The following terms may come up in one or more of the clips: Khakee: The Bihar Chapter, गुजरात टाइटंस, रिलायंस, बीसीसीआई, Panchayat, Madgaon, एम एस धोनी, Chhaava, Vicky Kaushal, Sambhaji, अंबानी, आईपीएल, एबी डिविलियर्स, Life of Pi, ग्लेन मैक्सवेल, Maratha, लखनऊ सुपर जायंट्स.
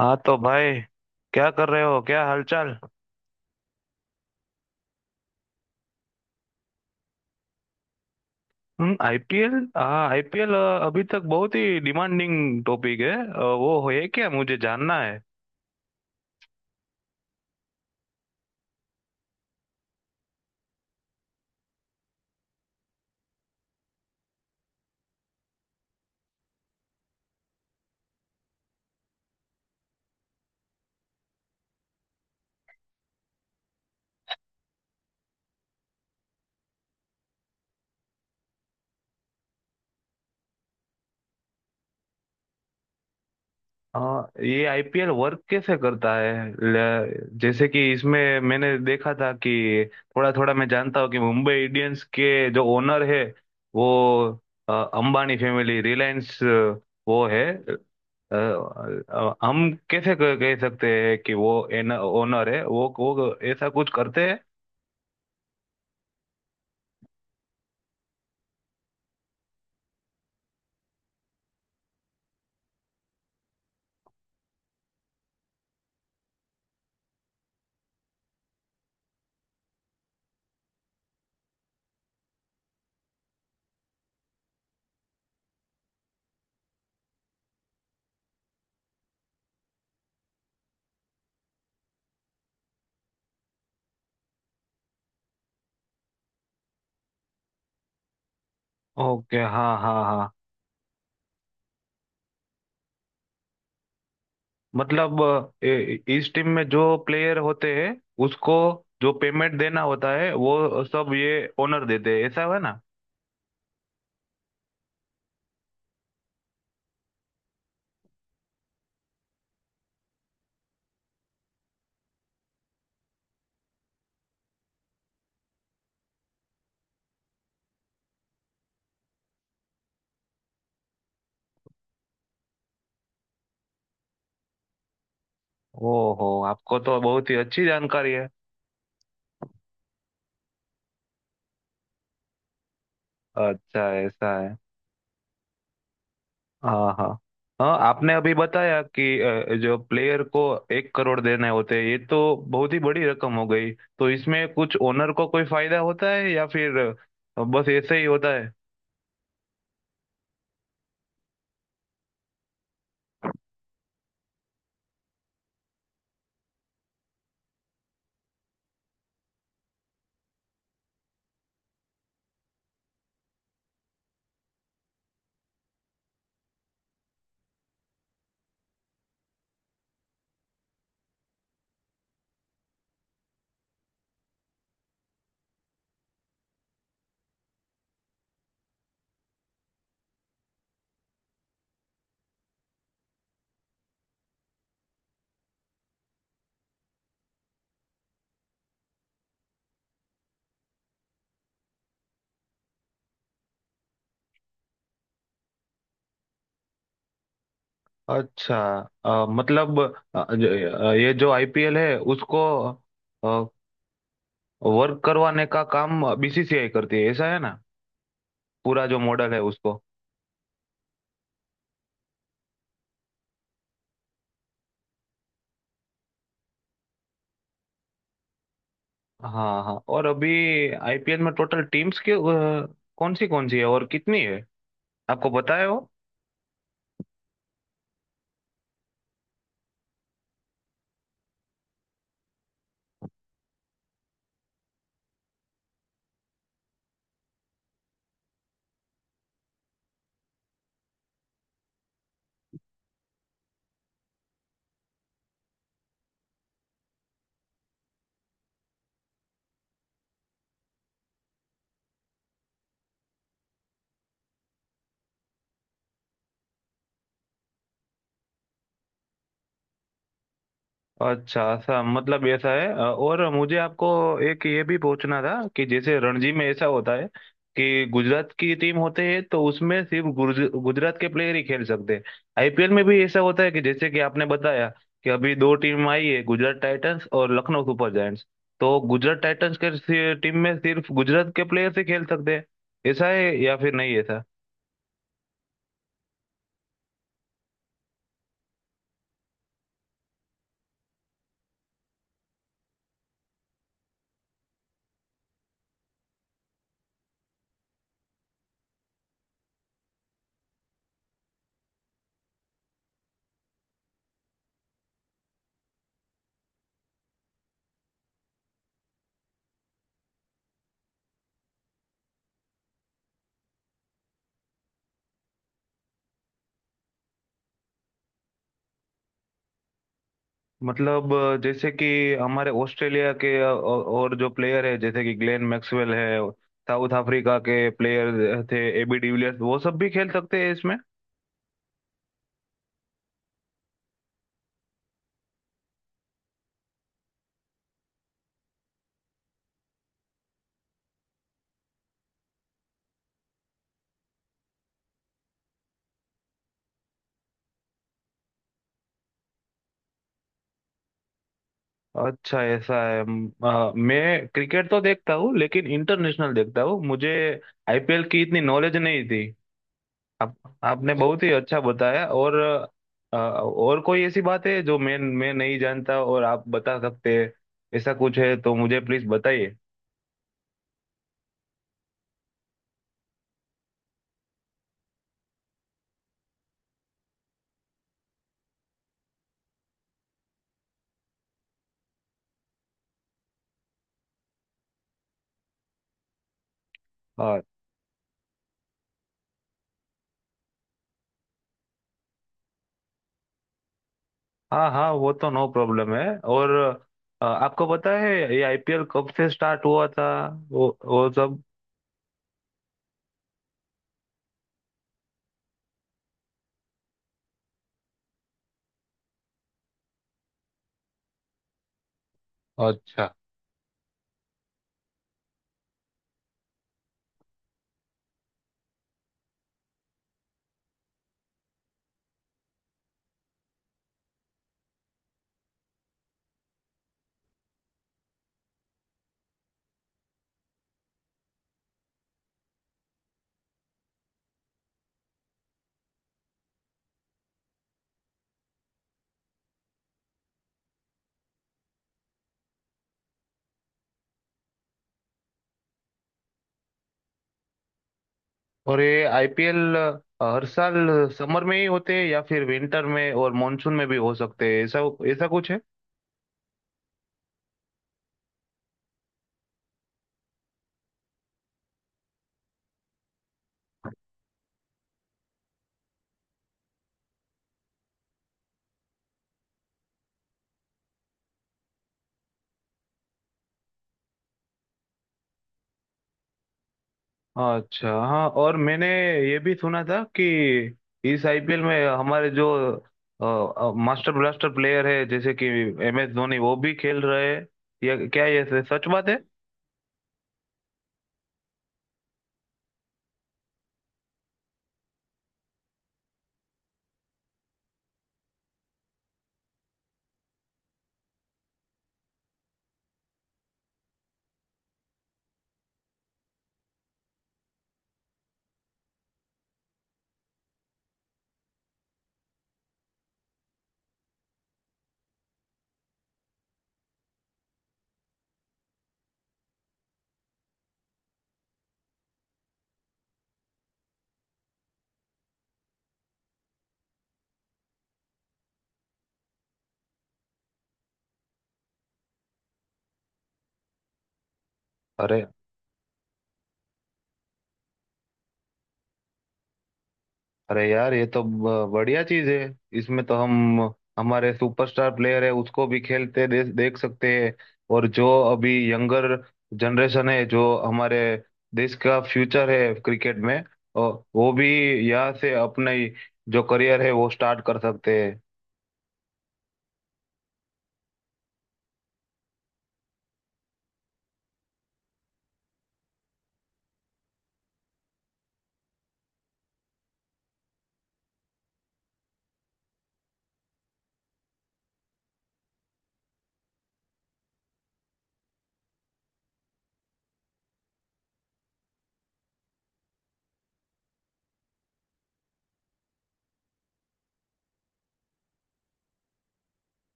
हाँ तो भाई, क्या कर रहे हो? क्या हालचाल? हम्म, आईपीएल, हाँ आईपीएल। अभी तक बहुत ही डिमांडिंग टॉपिक है, वो है क्या, मुझे जानना है। हाँ, ये आईपीएल वर्क कैसे करता है? जैसे कि इसमें मैंने देखा था कि थोड़ा थोड़ा मैं जानता हूँ कि मुंबई इंडियंस के जो ओनर है वो अंबानी फैमिली, रिलायंस। वो है हम कैसे कह कह सकते हैं कि वो एन ओनर है? वो ऐसा कुछ करते हैं? ओके, हाँ हाँ हाँ। मतलब इस टीम में जो प्लेयर होते हैं उसको जो पेमेंट देना होता है वो सब ये ओनर देते हैं, ऐसा है ना? ओहो, आपको तो बहुत ही अच्छी जानकारी है। अच्छा, ऐसा है। हाँ हाँ हाँ, आपने अभी बताया कि जो प्लेयर को 1 करोड़ देने होते हैं, ये तो बहुत ही बड़ी रकम हो गई। तो इसमें कुछ ओनर को कोई फायदा होता है, या फिर बस ऐसे ही होता है? अच्छा। मतलब अ, ज- ये जो आईपीएल है उसको वर्क करवाने का काम बीसीसीआई करती है, ऐसा है ना? पूरा जो मॉडल है उसको। हाँ हाँ, और अभी आईपीएल में टोटल टीम्स के कौन सी है और कितनी है, आपको पता है वो? अच्छा, ऐसा, मतलब ऐसा है। और मुझे आपको एक ये भी पूछना था कि जैसे रणजी में ऐसा होता है कि गुजरात की टीम होते हैं तो उसमें सिर्फ गुजरात के प्लेयर ही खेल सकते हैं। आईपीएल में भी ऐसा होता है कि, जैसे कि आपने बताया कि अभी दो टीम आई है, गुजरात टाइटंस और लखनऊ सुपर जायंट्स, तो गुजरात टाइटंस के टीम में सिर्फ गुजरात के प्लेयर ही खेल सकते हैं, ऐसा है या फिर नहीं ऐसा? मतलब जैसे कि हमारे ऑस्ट्रेलिया के और जो प्लेयर है, जैसे कि ग्लेन मैक्सवेल है, साउथ अफ्रीका के प्लेयर थे एबी डिविलियर्स, वो सब भी खेल सकते हैं इसमें? अच्छा, ऐसा है। मैं क्रिकेट तो देखता हूँ लेकिन इंटरनेशनल देखता हूँ, मुझे आईपीएल की इतनी नॉलेज नहीं थी। आप, आपने बहुत ही अच्छा बताया। और और कोई ऐसी बात है जो मैं नहीं जानता और आप बता सकते हैं, ऐसा कुछ है तो मुझे प्लीज बताइए। हाँ हाँ, वो तो नो प्रॉब्लम है। और आपको पता है ये आईपीएल कब से स्टार्ट हुआ था, वो सब? अच्छा। और ये आईपीएल हर साल समर में ही होते हैं या फिर विंटर में और मॉनसून में भी हो सकते हैं, ऐसा ऐसा कुछ है? अच्छा। हाँ, और मैंने ये भी सुना था कि इस आईपीएल में हमारे जो मास्टर ब्लास्टर प्लेयर है, जैसे कि एम एस धोनी, वो भी खेल रहे हैं, ये क्या, ये सच बात है? अरे, अरे यार, ये तो बढ़िया चीज है। इसमें तो हम हमारे सुपरस्टार प्लेयर है उसको भी खेलते देख सकते हैं। और जो अभी यंगर जनरेशन है, जो हमारे देश का फ्यूचर है क्रिकेट में, अ, वो भी यहाँ से अपना ही जो करियर है वो स्टार्ट कर सकते हैं।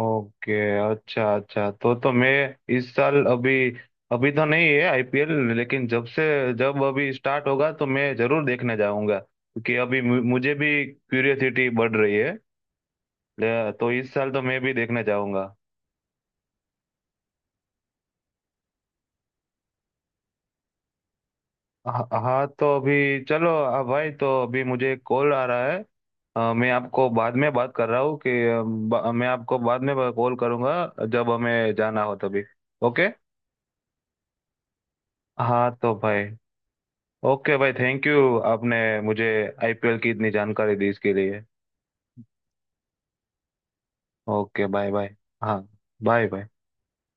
ओके, अच्छा अच्छा, तो मैं इस साल, अभी अभी तो नहीं है आईपीएल, लेकिन जब अभी स्टार्ट होगा तो मैं जरूर देखने जाऊंगा क्योंकि अभी मुझे भी क्यूरियोसिटी बढ़ रही है। तो इस साल तो मैं भी देखने जाऊंगा। हाँ, तो अभी चलो आ भाई, तो अभी मुझे एक कॉल आ रहा है। मैं आपको बाद में बात कर रहा हूँ कि मैं आपको बाद में कॉल करूंगा, जब हमें जाना हो तभी। ओके। हाँ तो भाई, ओके भाई, थैंक यू, आपने मुझे आईपीएल की इतनी जानकारी दी इसके लिए। Okay, bye bye. हाँ, बाय बाय।